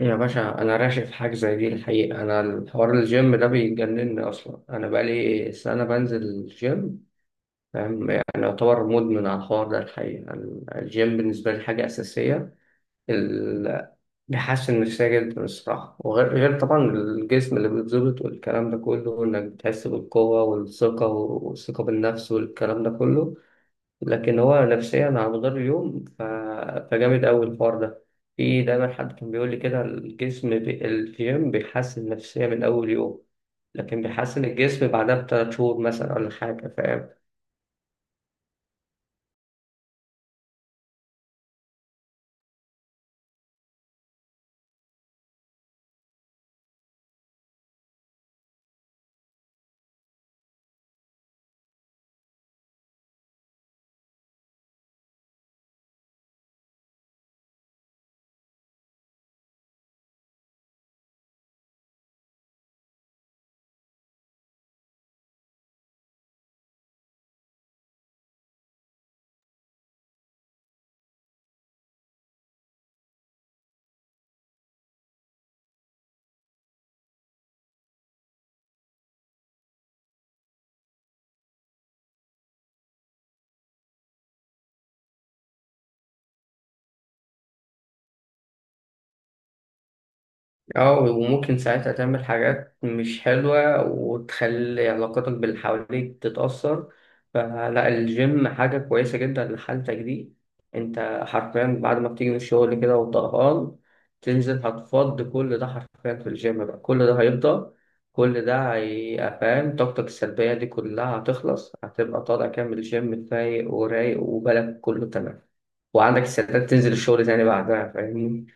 يا باشا، أنا راشق في حاجة زي دي الحقيقة. أنا الحوار الجيم ده بيجنني أصلا، أنا بقالي سنة بنزل الجيم، فاهم؟ يعني يعتبر مدمن على الحوار ده الحقيقة. الجيم بالنسبة لي حاجة أساسية. ال- بيحسن نفسية جدا الصراحة، وغير غير طبعا الجسم اللي بيتظبط والكلام ده كله، وإنك بتحس بالقوة والثقة والثقة بالنفس والكلام ده كله. لكن هو نفسيا على مدار اليوم فجامد أوي الحوار ده. في دايما حد كان بيقول لي كده الجيم بيحسن النفسية من أول يوم. لكن بيحسن الجسم بعدها بثلاث شهور مثلا ولا حاجة، فاهم؟ اه، وممكن ساعتها تعمل حاجات مش حلوة وتخلي علاقتك باللي حواليك تتأثر. فلا، الجيم حاجة كويسة جدا لحالتك دي. انت حرفيا بعد ما بتيجي من الشغل كده وطهقان، تنزل هتفض كل ده حرفيا في الجيم بقى، كل ده هيفضى، كل ده هيبقى فاهم؟ طاقتك السلبية دي كلها هتخلص، هتبقى طالع كامل الجيم فايق ورايق وبالك كله تمام، وعندك استعداد تنزل الشغل تاني بعدها، فاهمني؟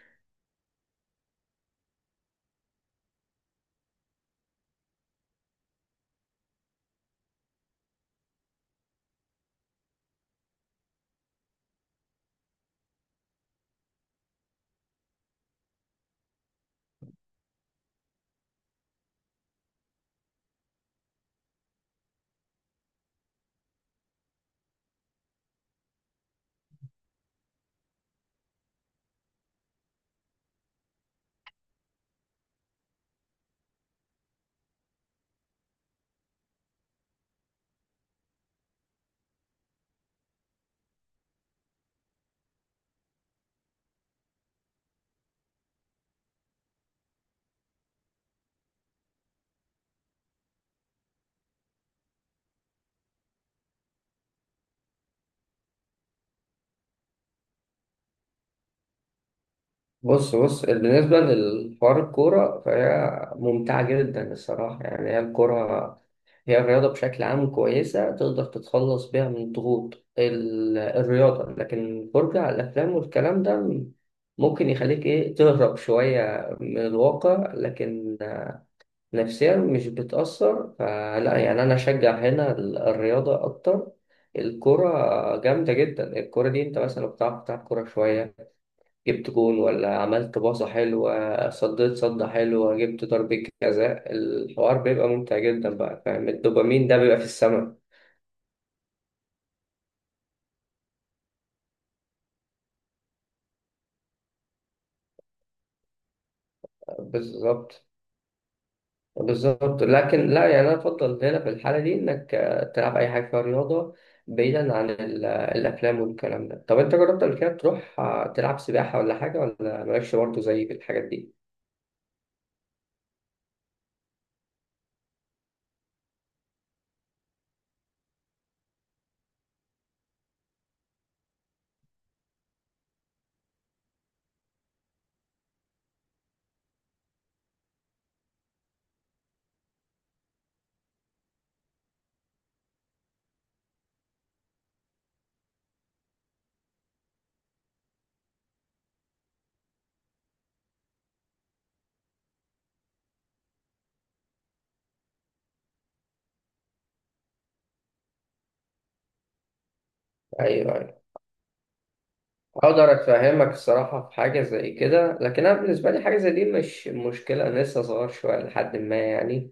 بص بص، بالنسبة للحوار الكورة فهي ممتعة جدا الصراحة، يعني هي الكورة، هي الرياضة بشكل عام كويسة، تقدر تتخلص بيها من الضغوط الرياضة. لكن الفرجة على الأفلام والكلام ده، ممكن يخليك إيه تهرب شوية من الواقع، لكن نفسيا مش بتأثر، فلا يعني أنا أشجع هنا الرياضة أكتر. الكرة جامدة جدا الكرة دي، أنت مثلا لو بتعرف تلعب كورة شوية، جبت جون ولا عملت باصة حلوة، صديت صدة حلوة، جبت ضربة جزاء، الحوار بيبقى ممتع جدا بقى، فاهم؟ الدوبامين ده بيبقى في السماء. بالظبط، بالظبط. لكن لا يعني، أنا أفضل هنا في الحالة دي إنك تلعب أي حاجة فيها رياضة، بعيدا عن الأفلام والكلام ده. طب أنت جربت قبل كده تروح تلعب سباحة ولا حاجة؟ ولا مالكش برضه زي في الحاجات دي؟ أيوه، اقدر افهمك الصراحه، في حاجه زي كده، لكن انا بالنسبه لي حاجه زي دي مش مشكله، انا لسه صغير شويه لحد ما يعني.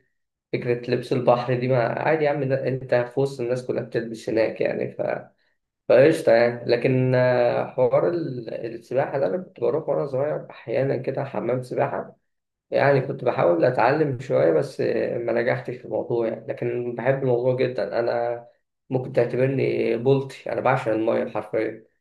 فكره لبس البحر دي ما عادي يا عم، انت في وسط الناس كلها بتلبس هناك يعني، فقشطه يعني. لكن حوار السباحه ده، انا كنت بروح وانا صغير احيانا كده حمام سباحه، يعني كنت بحاول اتعلم شويه، بس ما نجحتش في الموضوع يعني، لكن بحب الموضوع جدا انا. ممكن تعتبرني بولتي، انا بعشق الميه حرفيا.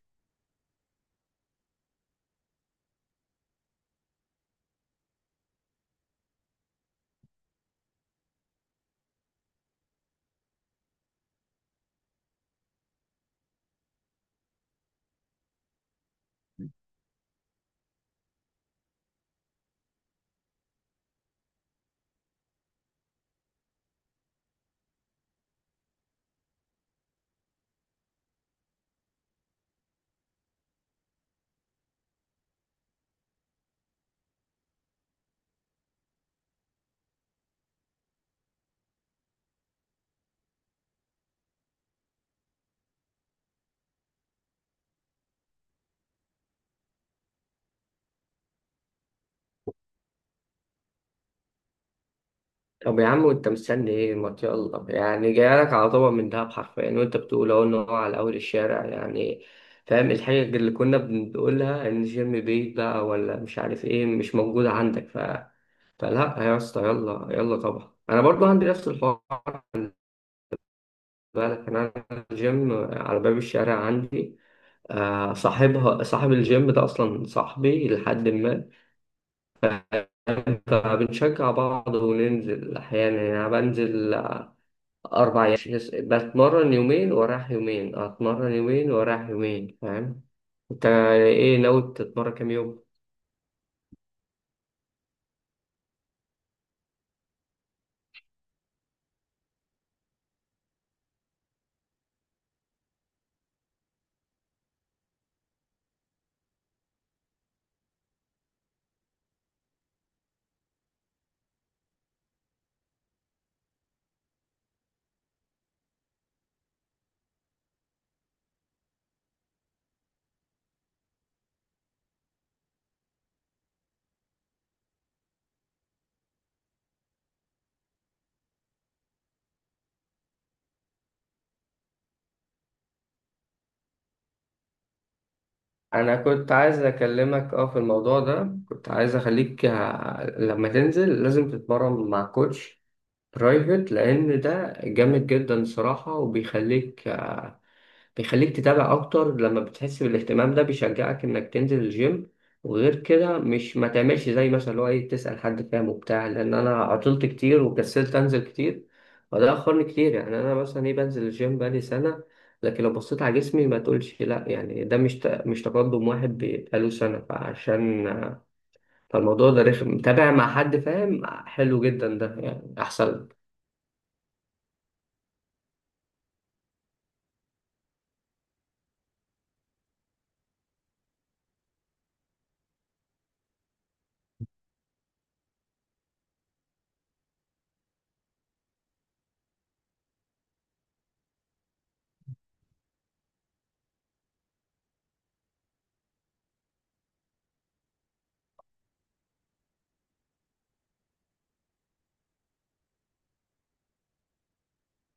طب يا عم، وانت مستني ايه؟ ما يلا يعني، جايلك على طبق من دهب حرفيا، وانت بتقول اهو ان هو على اول الشارع يعني، فاهم الحاجة اللي كنا بنقولها؟ ان جيم بيت بقى ولا مش عارف ايه مش موجودة عندك. فلا يا اسطى، يلا يلا طبعا، انا برضو عندي نفس الحوار. خد بالك، انا الجيم على باب الشارع عندي، صاحب الجيم ده اصلا صاحبي لحد ما، فبنشجع بعض وننزل احيانا. يعني أنا بنزل أربع أيام، بتمرن يومين وراح يومين، أتمرن يومين وراح يومين، فاهم؟ أنت إيه ناوي تتمرن كام يوم؟ أنا كنت عايز أكلمك في الموضوع ده، كنت عايز أخليك، لما تنزل لازم تتمرن مع كوتش برايفت، لان ده جامد جدا الصراحه. وبيخليك آه، بيخليك تتابع اكتر، لما بتحس بالاهتمام ده بيشجعك انك تنزل الجيم. وغير كده، مش ما تعملش زي مثلا اللي هو ايه، تسأل حد فاهم وبتاع، لان انا عطلت كتير وكسلت انزل كتير، وده اخرني كتير. يعني انا مثلا ايه بنزل الجيم بقالي سنة، لكن لو بصيت على جسمي ما تقولش لا يعني، ده مش مش تقدم واحد بقاله سنة، فالموضوع ده رخم، متابع مع حد فاهم حلو جدا ده يعني، احسن.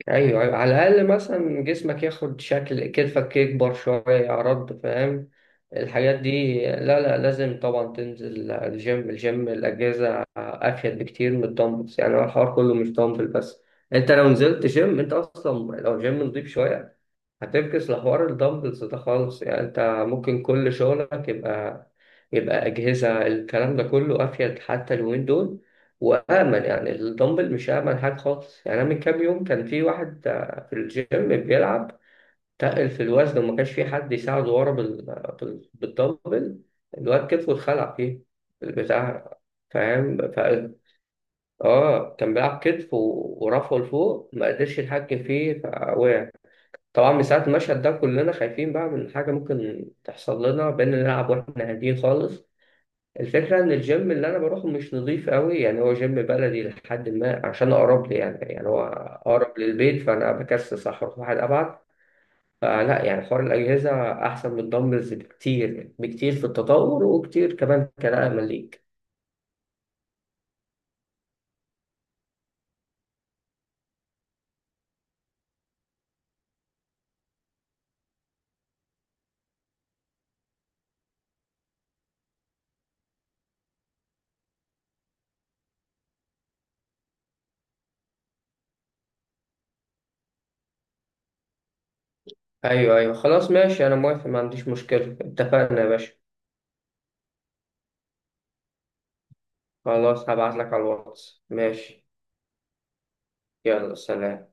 ايوه، ايوه، على الاقل مثلا جسمك ياخد شكل، كتفك يكبر شويه عرض، فاهم؟ الحاجات دي، لا لا، لازم طبعا تنزل الجيم. الجيم الاجهزه افيد بكتير من الدمبلز، يعني هو الحوار كله مش دمبل بس. انت لو نزلت جيم، انت اصلا لو جيم نضيف شويه هتفكس لحوار الدمبلز ده خالص يعني. انت ممكن كل شغلك يبقى، اجهزه، الكلام ده كله افيد حتى اليومين دول، وآمن. يعني الدمبل مش آمن حاجة خالص، يعني أنا من كام يوم كان في واحد في الجيم بيلعب تقل في الوزن، وما كانش في حد يساعده ورا بالدمبل. الواد كتفه اتخلع فيه البتاع، فاهم؟ اه، كان بيلعب كتف ورفعه لفوق ما قدرش يتحكم فيه فوقع. طبعا من ساعة المشهد ده كلنا خايفين بقى من حاجة ممكن تحصل لنا، بقينا نلعب واحنا هاديين خالص. الفكرة إن الجيم اللي أنا بروحه مش نظيف قوي، يعني هو جيم بلدي لحد ما عشان أقرب لي، يعني هو أقرب للبيت، فأنا بكسس أروح واحد أبعد. فلا يعني، حوار الأجهزة أحسن من الدمبلز بكتير بكتير في التطور، وكتير كمان كنقلة ليك. أيوه أيوه، خلاص ماشي، أنا موافق، ما عنديش مشكلة، اتفقنا يا باشا. خلاص، هبعتلك على الواتس، ماشي. يلا سلام.